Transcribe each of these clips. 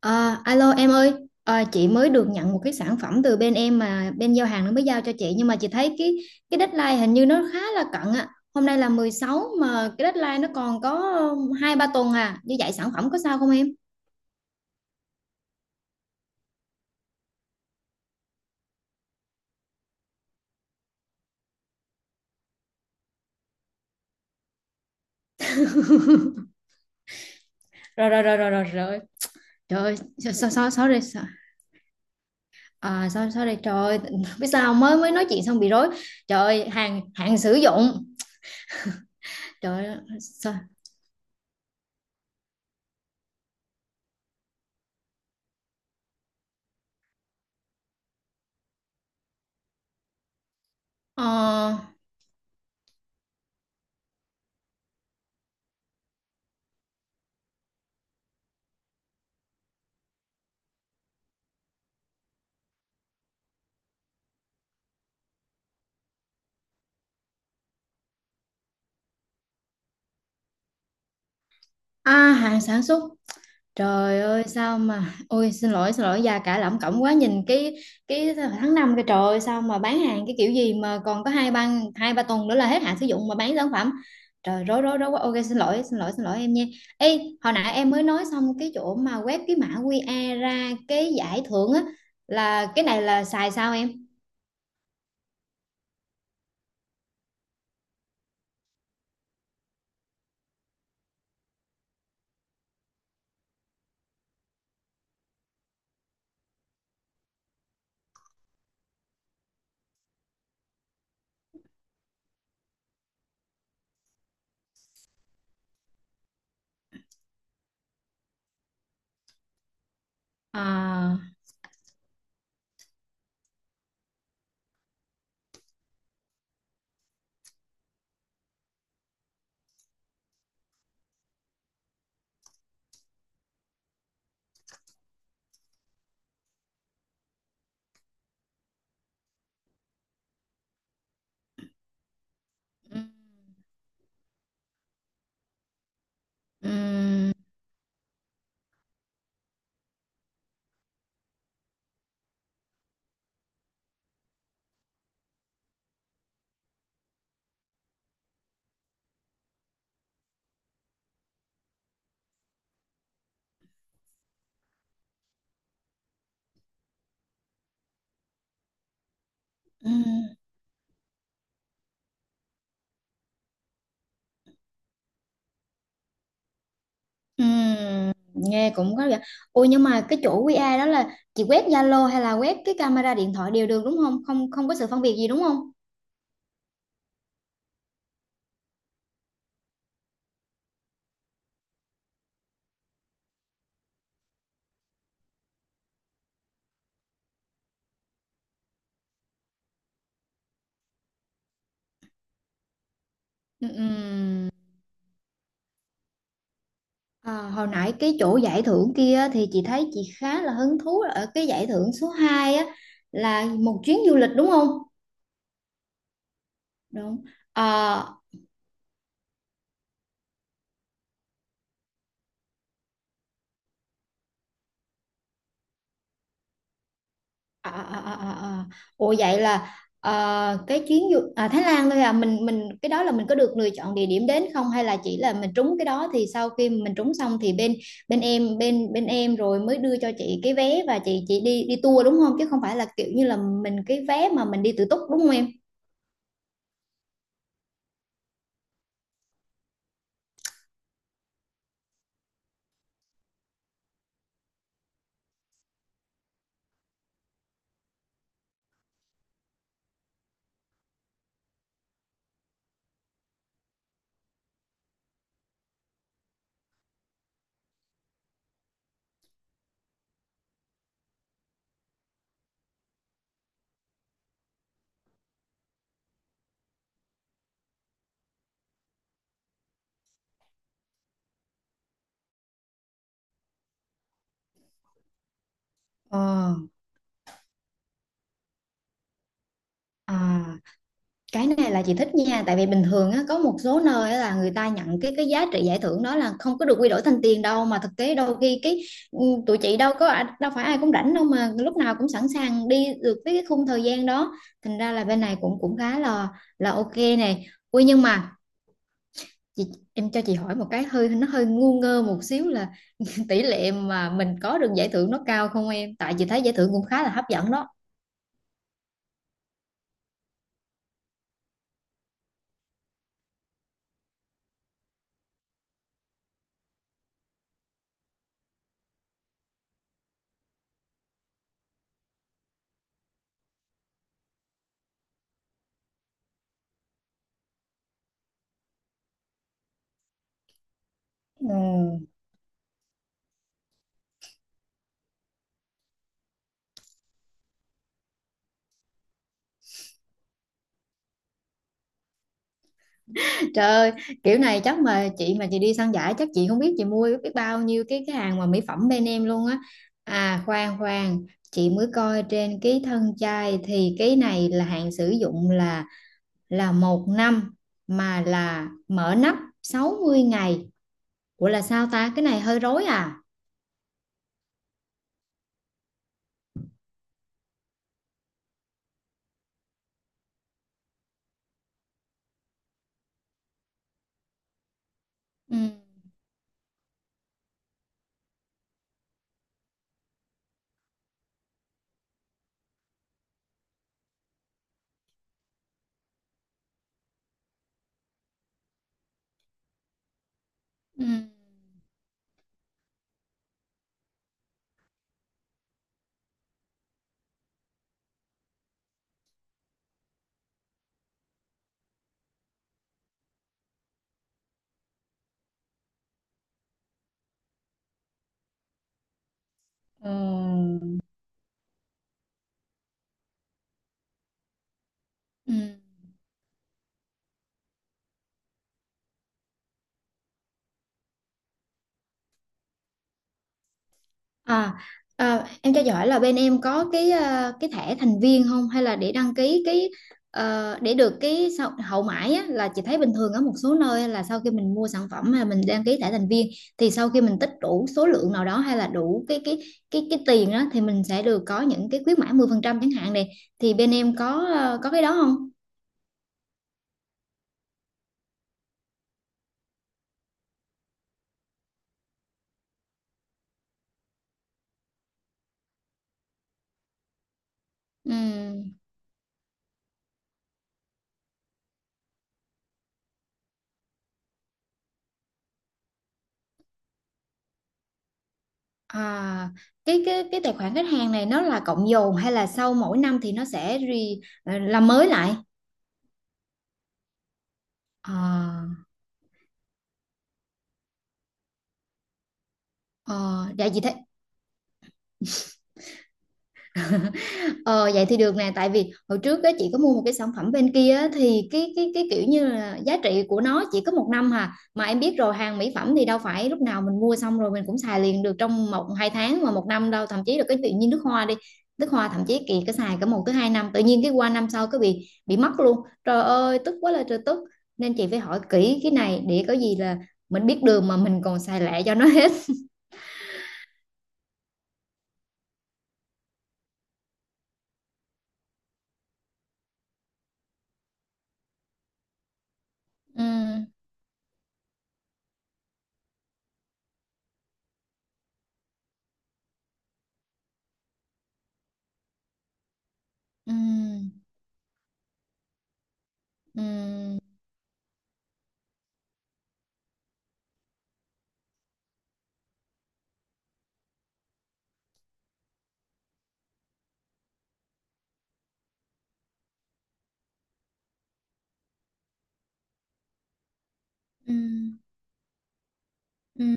À, alo em ơi. Chị mới được nhận một cái sản phẩm từ bên em mà bên giao hàng nó mới giao cho chị, nhưng mà chị thấy cái deadline hình như nó khá là cận ạ. Hôm nay là 16 mà cái deadline nó còn có 2-3 tuần à. Như vậy sản phẩm có sao không em? Rồi rồi rồi rồi rồi rồi. Trời ơi, so, so, so, sorry. Sorry trời ơi, biết sao mới mới nói chuyện xong bị rối. Trời ơi, hàng hàng sử dụng. Trời ơi, Ờ, à, hàng sản xuất. Trời ơi sao mà. Ôi, xin lỗi xin lỗi, già cả lẩm cẩm quá. Nhìn cái tháng 5 cái trời ơi, sao mà bán hàng cái kiểu gì mà còn có hai ba tuần nữa là hết hạn sử dụng mà bán sản phẩm. Trời, rối rối rối quá. Ok, xin lỗi xin lỗi xin lỗi em nha. Ê, hồi nãy em mới nói xong cái chỗ mà quét cái mã QR ra cái giải thưởng á. Là cái này là xài sao em? À, ừ, ừ, ừ. Nghe cũng có vẻ. Ôi nhưng mà cái chỗ QR đó là chị quét Zalo hay là quét cái camera điện thoại đều được đúng không, không có sự phân biệt gì đúng không? Ừm, à, hồi nãy cái chỗ giải thưởng kia thì chị thấy chị khá là hứng thú ở cái giải thưởng số 2 á, là một chuyến du lịch đúng không? Đúng. À, à, à, à, à, à. Ủa vậy là ờ, cái chuyến à, Thái Lan thôi à, mình cái đó là mình có được lựa chọn địa điểm đến không hay là chỉ là mình trúng cái đó, thì sau khi mình trúng xong thì bên bên em rồi mới đưa cho chị cái vé và chị đi đi tour đúng không, chứ không phải là kiểu như là mình cái vé mà mình đi tự túc đúng không em? Ờ, à. Cái này là chị thích nha, tại vì bình thường á, có một số nơi á, là người ta nhận cái giá trị giải thưởng đó là không có được quy đổi thành tiền đâu mà thực tế đôi khi cái ừ, tụi chị đâu phải ai cũng rảnh đâu mà lúc nào cũng sẵn sàng đi được với cái khung thời gian đó. Thành ra là bên này cũng cũng khá là ok này. Ui, nhưng mà chị, em cho chị hỏi một cái hơi nó hơi ngu ngơ một xíu là tỷ lệ mà mình có được giải thưởng nó cao không em, tại chị thấy giải thưởng cũng khá là hấp dẫn đó. Ừ. Trời ơi, kiểu này chắc mà chị đi săn giải chắc chị không biết chị mua biết bao nhiêu cái hàng mà mỹ phẩm bên em luôn á. À, khoan khoan, chị mới coi trên cái thân chai thì cái này là hạn sử dụng là một năm, mà là mở nắp 60 ngày. Ủa là sao ta? Cái này hơi rối à? Ừ. Ừ. Ừ. Ừ. À, à, em cho giỏi là bên em có cái cái thẻ thành viên không, hay là để đăng ký cái để được cái hậu mãi á, là chị thấy bình thường ở một số nơi là sau khi mình mua sản phẩm mà mình đăng ký thẻ thành viên thì sau khi mình tích đủ số lượng nào đó hay là đủ cái tiền đó thì mình sẽ được có những cái khuyến mãi 10% chẳng hạn này, thì bên em có cái đó không? Ừm, à, cái tài khoản khách hàng này nó là cộng dồn hay là sau mỗi năm thì nó sẽ làm mới lại? À. Ờ, dạ chị thấy ờ, vậy thì được nè, tại vì hồi trước á, chị có mua một cái sản phẩm bên kia á, thì cái kiểu như là giá trị của nó chỉ có một năm hà, mà em biết rồi hàng mỹ phẩm thì đâu phải lúc nào mình mua xong rồi mình cũng xài liền được trong một hai tháng mà một năm đâu, thậm chí là cái tự nhiên nước hoa đi, nước hoa thậm chí kỳ cái xài cả một tới hai năm tự nhiên cái qua năm sau cái bị mất luôn. Trời ơi tức quá, là trời tức, nên chị phải hỏi kỹ cái này để có gì là mình biết đường mà mình còn xài lẹ cho nó hết. Ừ, ừ, ừ, ừ. Ừm,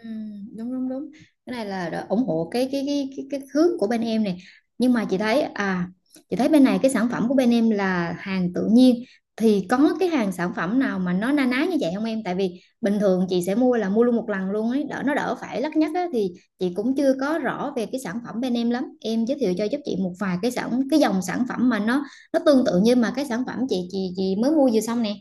đúng đúng đúng, cái này là đã ủng hộ cái hướng của bên em này, nhưng mà chị thấy bên này cái sản phẩm của bên em là hàng tự nhiên thì có cái hàng sản phẩm nào mà nó na ná như vậy không em, tại vì bình thường chị sẽ mua là mua luôn một lần luôn ấy đỡ nó đỡ phải lắt nhắt á, thì chị cũng chưa có rõ về cái sản phẩm bên em lắm, em giới thiệu cho giúp chị một vài cái cái dòng sản phẩm mà nó tương tự như mà cái sản phẩm chị mới mua vừa xong nè.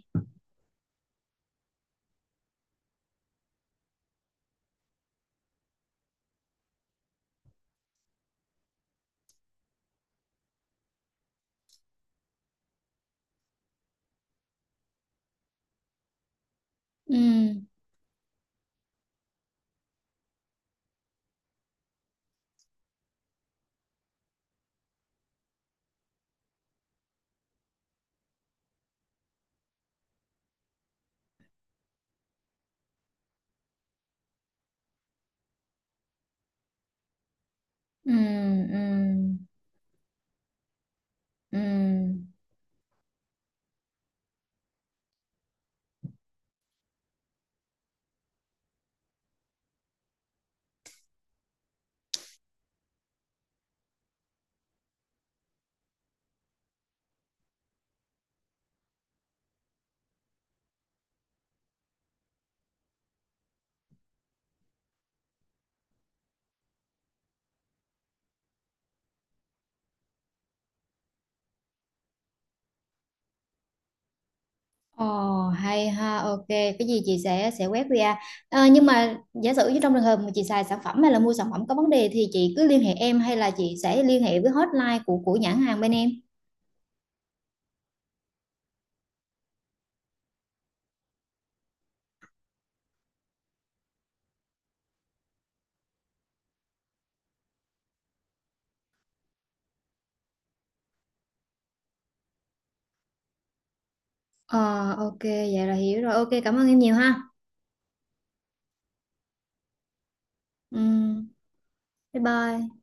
Ừm, ừm, ừm, ừm. Ồ, hay ha, ok. Cái gì chị sẽ quét QR. Ờ, nhưng mà giả sử như trong trường hợp mà chị xài sản phẩm hay là mua sản phẩm có vấn đề thì chị cứ liên hệ em hay là chị sẽ liên hệ với hotline của nhãn hàng bên em. Ờ, ok, vậy là hiểu rồi. Ok, cảm ơn em nhiều ha. Ừ, bye bye.